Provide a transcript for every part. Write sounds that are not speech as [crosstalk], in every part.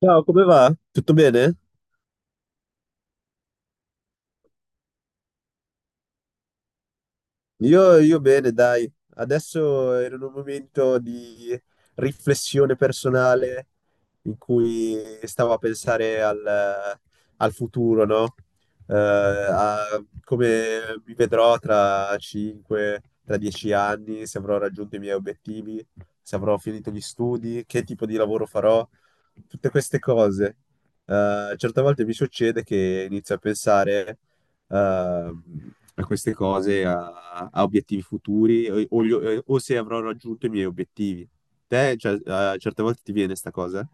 Ciao, come va? Tutto bene? Io bene, dai. Adesso ero in un momento di riflessione personale in cui stavo a pensare al futuro, no? A come mi vedrò tra 5, tra 10 anni, se avrò raggiunto i miei obiettivi, se avrò finito gli studi, che tipo di lavoro farò, tutte queste cose. Certe volte mi succede che inizio a pensare, a queste cose, a obiettivi futuri o o se avrò raggiunto i miei obiettivi. Te, cioè, a certe volte ti viene sta cosa?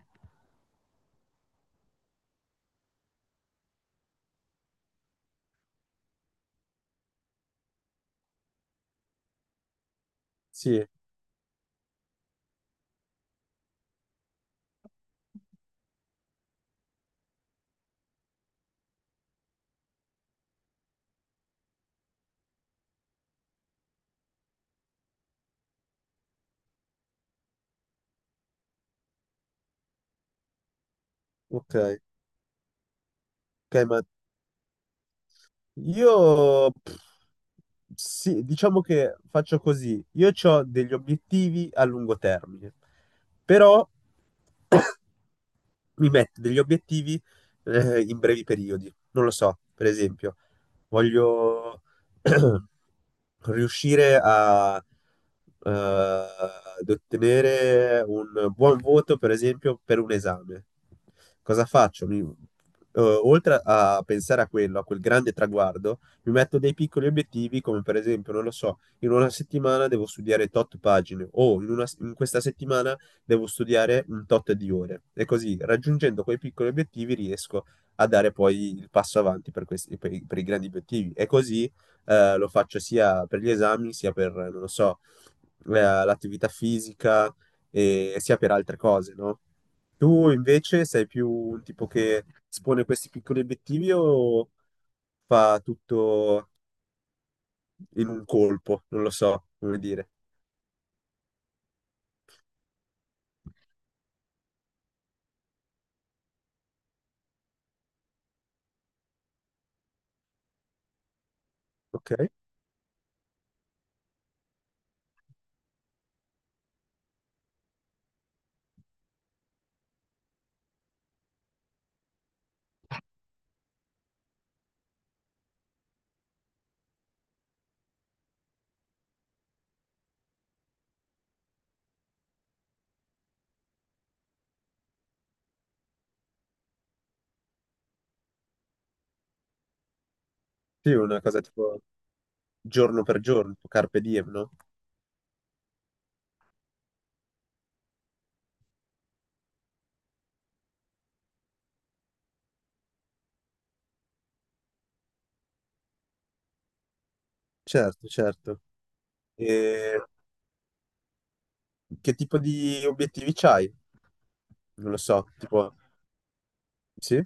Sì, ok. Ok, ma io pff, sì, diciamo che faccio così. Io ho degli obiettivi a lungo termine, però mi metto degli obiettivi in brevi periodi. Non lo so, per esempio, voglio [clears throat] riuscire a, ad ottenere un buon voto, per esempio, per un esame. Cosa faccio? Mi- oltre a pensare a quello, a quel grande traguardo, mi metto dei piccoli obiettivi, come per esempio, non lo so, in una settimana devo studiare tot pagine o in questa settimana devo studiare un tot di ore e così raggiungendo quei piccoli obiettivi riesco a dare poi il passo avanti per per i grandi obiettivi e così lo faccio sia per gli esami sia per, non lo so, l'attività fisica e sia per altre cose, no? Tu invece sei più un tipo che espone questi piccoli obiettivi o fa tutto in un colpo? Non lo so come dire. Ok? Sì, una cosa tipo giorno per giorno, tipo carpe diem, no? Certo, certo. E che tipo di obiettivi c'hai? Non lo so, tipo... Sì?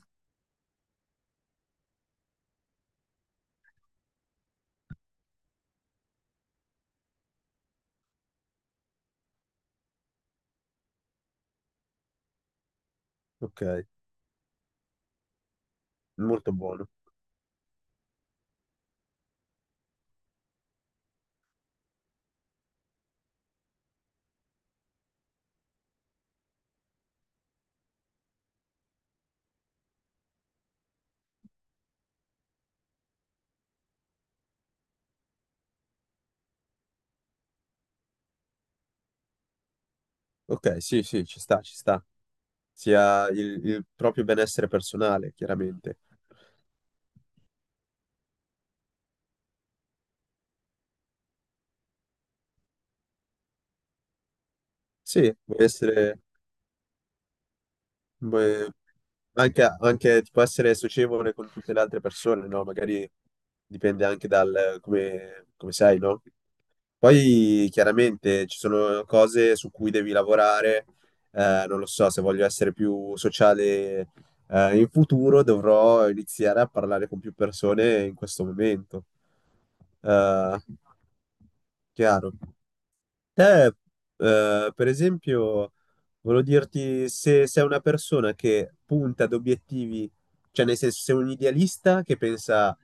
Ok, molto buono. Ok, sì, sì, ci sta, ci sta. Sia il proprio benessere personale, chiaramente. Sì, può essere... Beh, anche tipo essere socievole con tutte le altre persone, no? Magari dipende anche dal come sei, no? Poi chiaramente ci sono cose su cui devi lavorare, non lo so, se voglio essere più sociale, in futuro dovrò iniziare a parlare con più persone in questo momento. Eh, chiaro. Te, per esempio, volevo dirti se sei una persona che punta ad obiettivi, cioè nel senso sei un idealista che pensa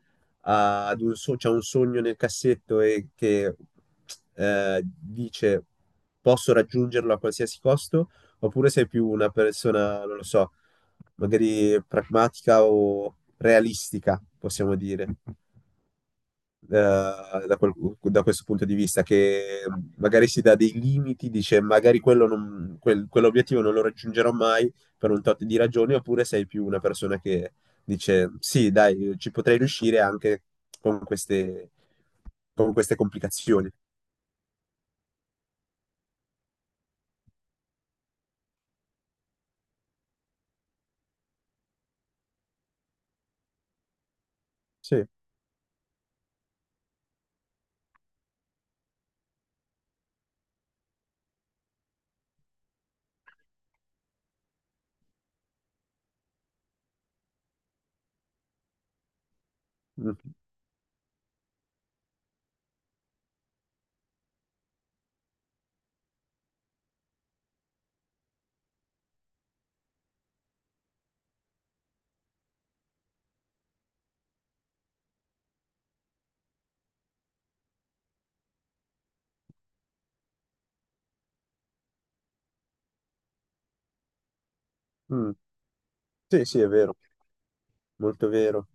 c'ha un sogno nel cassetto e che dice posso raggiungerlo a qualsiasi costo, oppure sei più una persona, non lo so, magari pragmatica o realistica, possiamo dire eh, da, quel- da questo punto di vista, che magari si dà dei limiti, dice magari quello non- quel- quell'obiettivo non lo raggiungerò mai per un tot di ragioni, oppure sei più una persona che dice sì, dai, ci potrei riuscire anche con queste, con queste complicazioni. Sì. Mm. Mm. Sì, sì, è vero, molto vero.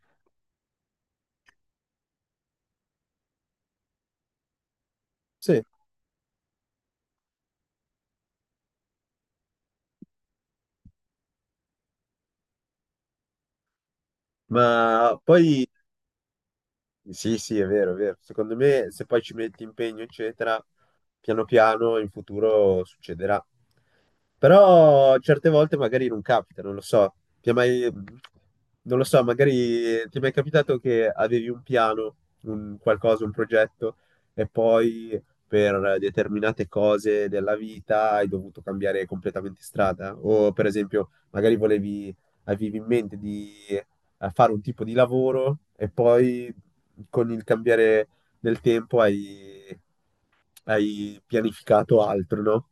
Sì, ma poi... Sì, sì, è vero, è vero. Secondo me, se poi ci metti impegno, eccetera, piano piano in futuro succederà. Però certe volte magari non capita, non lo so. Ti è mai... Non lo so, magari ti è mai capitato che avevi un piano, un qualcosa, un progetto, e poi per determinate cose della vita hai dovuto cambiare completamente strada? O per esempio, avevi in mente di a fare un tipo di lavoro e poi con il cambiare del tempo hai pianificato altro, no?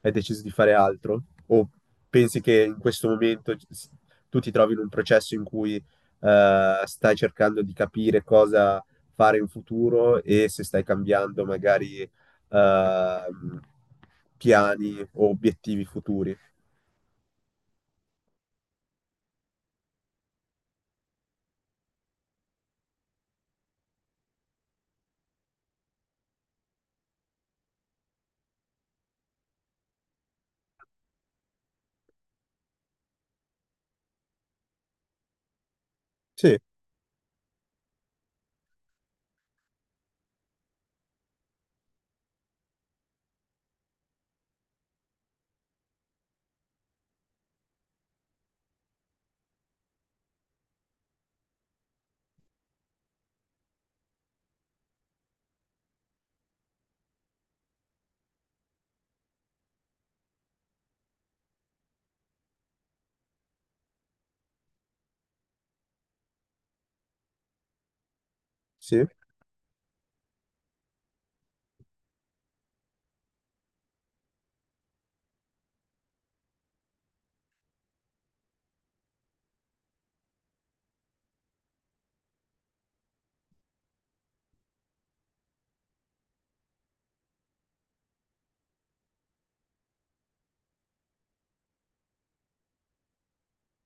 Hai deciso di fare altro? O pensi che in questo momento tu ti trovi in un processo in cui stai cercando di capire cosa fare in futuro e se stai cambiando magari ehm, piani o obiettivi futuri? Sì, sì.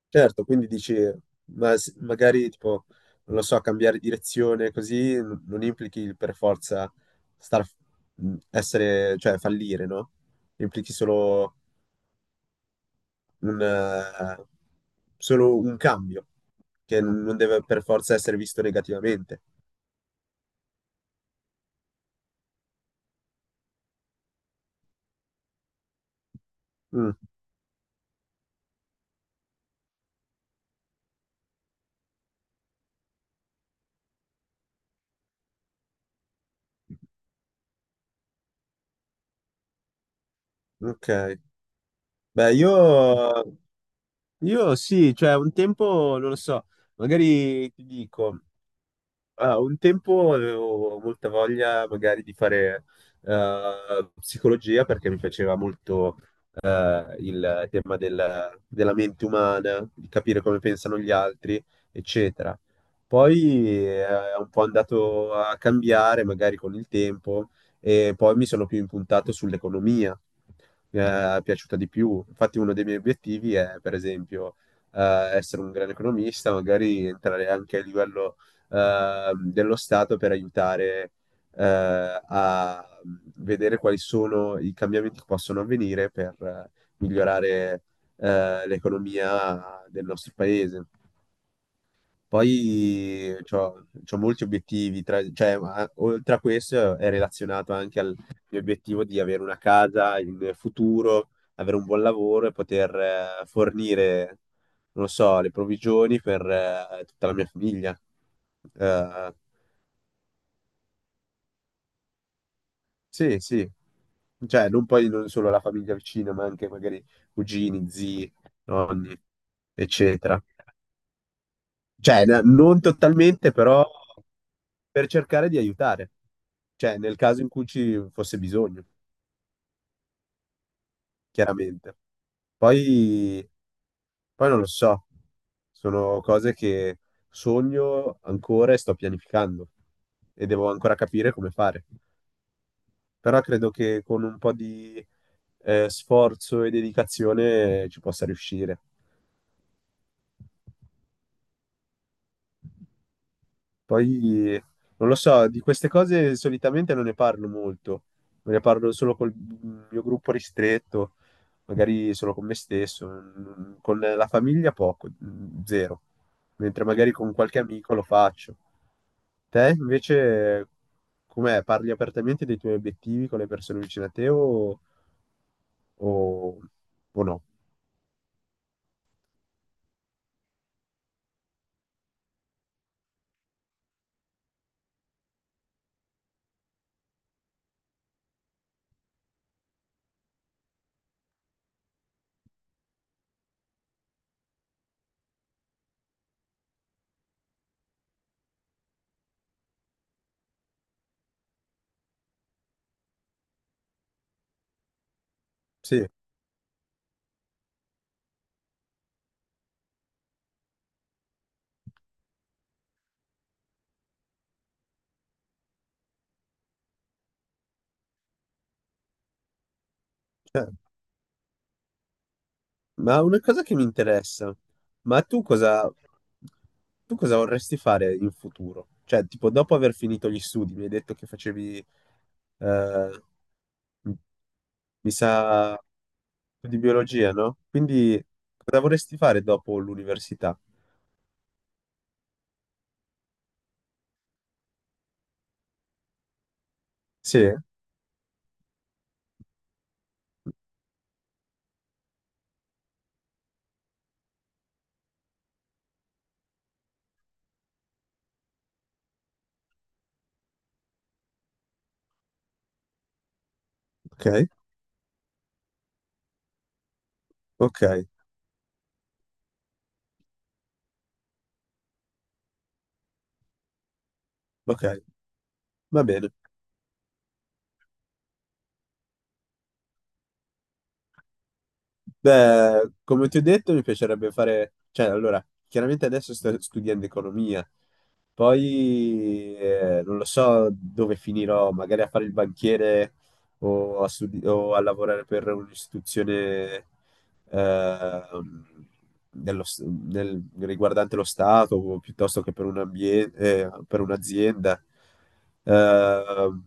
Certo, quindi dici, ma s- magari tipo, non lo so, cambiare direzione così non implichi il per forza star, essere, cioè fallire, no? Implichi solo un, eh, solo un cambio, che non deve per forza essere visto negativamente. Mm, ok. Beh, io sì, cioè un tempo, non lo so, magari ti dico. Ah, un tempo avevo molta voglia magari di fare psicologia perché mi piaceva molto il tema della mente umana, di capire come pensano gli altri, eccetera. Poi è un po' andato a cambiare magari con il tempo e poi mi sono più impuntato sull'economia, mi è piaciuta di più. Infatti uno dei miei obiettivi è, per esempio, essere un grande economista, magari entrare anche a livello dello Stato per aiutare a vedere quali sono i cambiamenti che possono avvenire per migliorare l'economia del nostro paese. Poi c'ho molti obiettivi, oltre a questo è relazionato anche al mio obiettivo di avere una casa in futuro, avere un buon lavoro e poter fornire, non lo so, le provvigioni per tutta la mia famiglia. Eh, Sì, sì. Cioè, non solo la famiglia vicina, ma anche magari cugini, zii, nonni, eccetera. Cioè, non totalmente, però per cercare di aiutare. Cioè, nel caso in cui ci fosse bisogno, chiaramente. Poi, poi non lo so. Sono cose che sogno ancora e sto pianificando e devo ancora capire come fare. Però credo che con un po' di sforzo e dedicazione ci possa riuscire. Poi, non lo so, di queste cose solitamente non ne parlo molto, ne parlo solo col mio gruppo ristretto, magari solo con me stesso, mm, con la famiglia poco, mm, zero, mentre magari con qualche amico lo faccio. Te invece, com'è? Parli apertamente dei tuoi obiettivi con le persone vicine a te o- o no? Sì, cioè, ma una cosa che mi interessa, ma tu cosa, tu cosa vorresti fare in futuro? Cioè, tipo, dopo aver finito gli studi, mi hai detto che facevi, eh, mi sa, di biologia, no? Quindi, cosa vorresti fare dopo l'università? Sì? Ok, ok, ok, va bene. Beh, come ti ho detto, mi piacerebbe fare, cioè, allora, chiaramente adesso sto studiando economia, poi non lo so dove finirò, magari a fare il banchiere o o a lavorare per un'istituzione ehm, riguardante lo Stato o piuttosto che per per un'azienda. Ehm,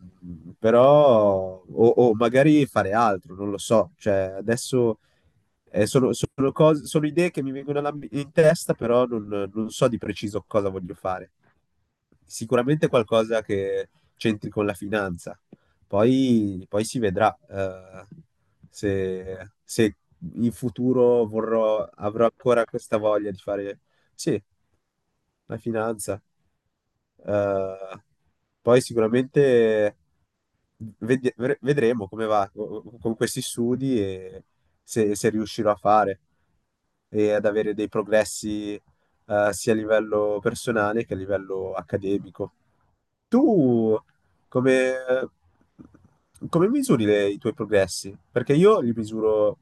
però, o, o magari fare altro, non lo so. Cioè, adesso sono sono idee che mi vengono in testa, però non so di preciso cosa voglio fare. Sicuramente qualcosa che c'entri con la finanza. Poi si vedrà eh, se in futuro vorrò, avrò ancora questa voglia di fare, sì, la finanza. Eh, poi sicuramente vedremo come va con questi studi e se riuscirò a fare e ad avere dei progressi sia a livello personale che a livello accademico. Tu come, come misuri i tuoi progressi? Perché io li misuro,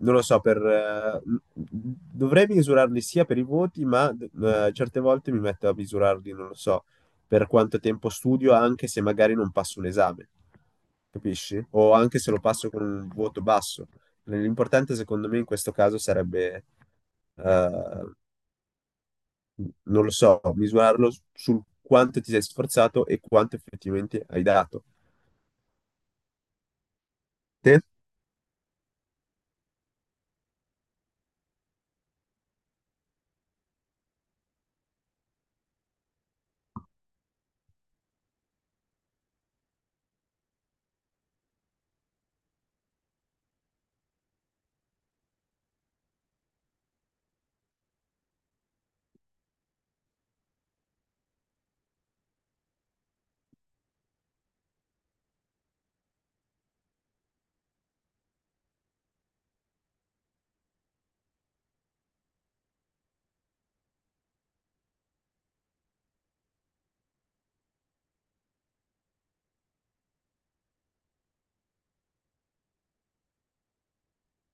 non lo so, dovrei misurarli sia per i voti, ma certe volte mi metto a misurarli, non lo so, per quanto tempo studio, anche se magari non passo un esame, capisci? O anche se lo passo con un voto basso. L'importante secondo me in questo caso sarebbe eh, non lo so, misurarlo sul quanto ti sei sforzato e quanto effettivamente hai dato. Te?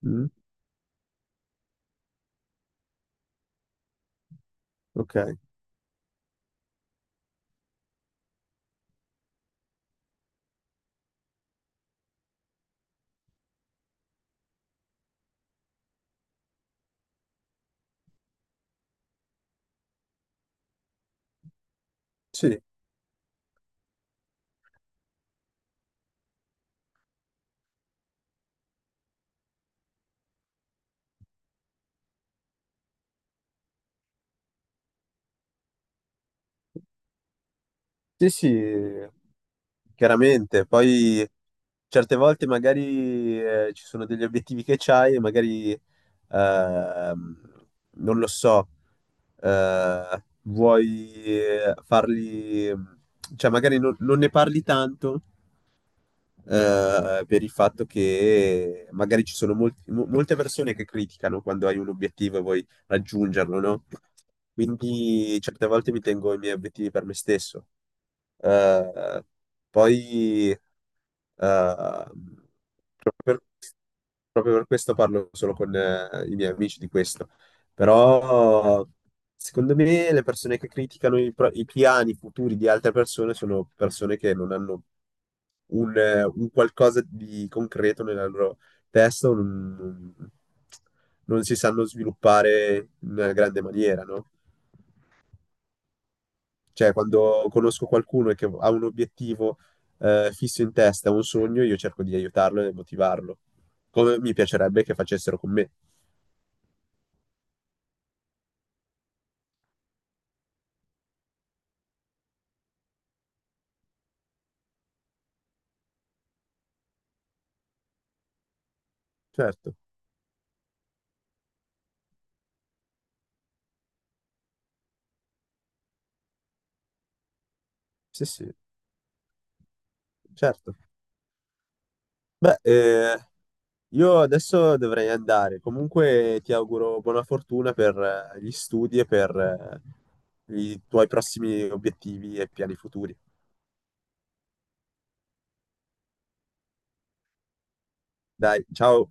Mm, ok, sì, sì, chiaramente. Poi certe volte magari ci sono degli obiettivi che c'hai e magari, ehm, non lo so, vuoi farli, cioè magari non ne parli tanto per il fatto che magari ci sono molte persone che criticano quando hai un obiettivo e vuoi raggiungerlo, no? Quindi certe volte mi tengo i miei obiettivi per me stesso. Eh, poi eh, proprio per proprio per questo parlo solo con i miei amici di questo. Però secondo me le persone che criticano i piani futuri di altre persone sono persone che non hanno un qualcosa di concreto nella loro testa o non si sanno sviluppare in una grande maniera, no? Cioè, quando conosco qualcuno e che ha un obiettivo fisso in testa, un sogno, io cerco di aiutarlo e motivarlo, come mi piacerebbe che facessero con me. Certo, sì, sì, certo. Beh, io adesso dovrei andare. Comunque ti auguro buona fortuna per gli studi e per i tuoi prossimi obiettivi e piani futuri. Dai, ciao.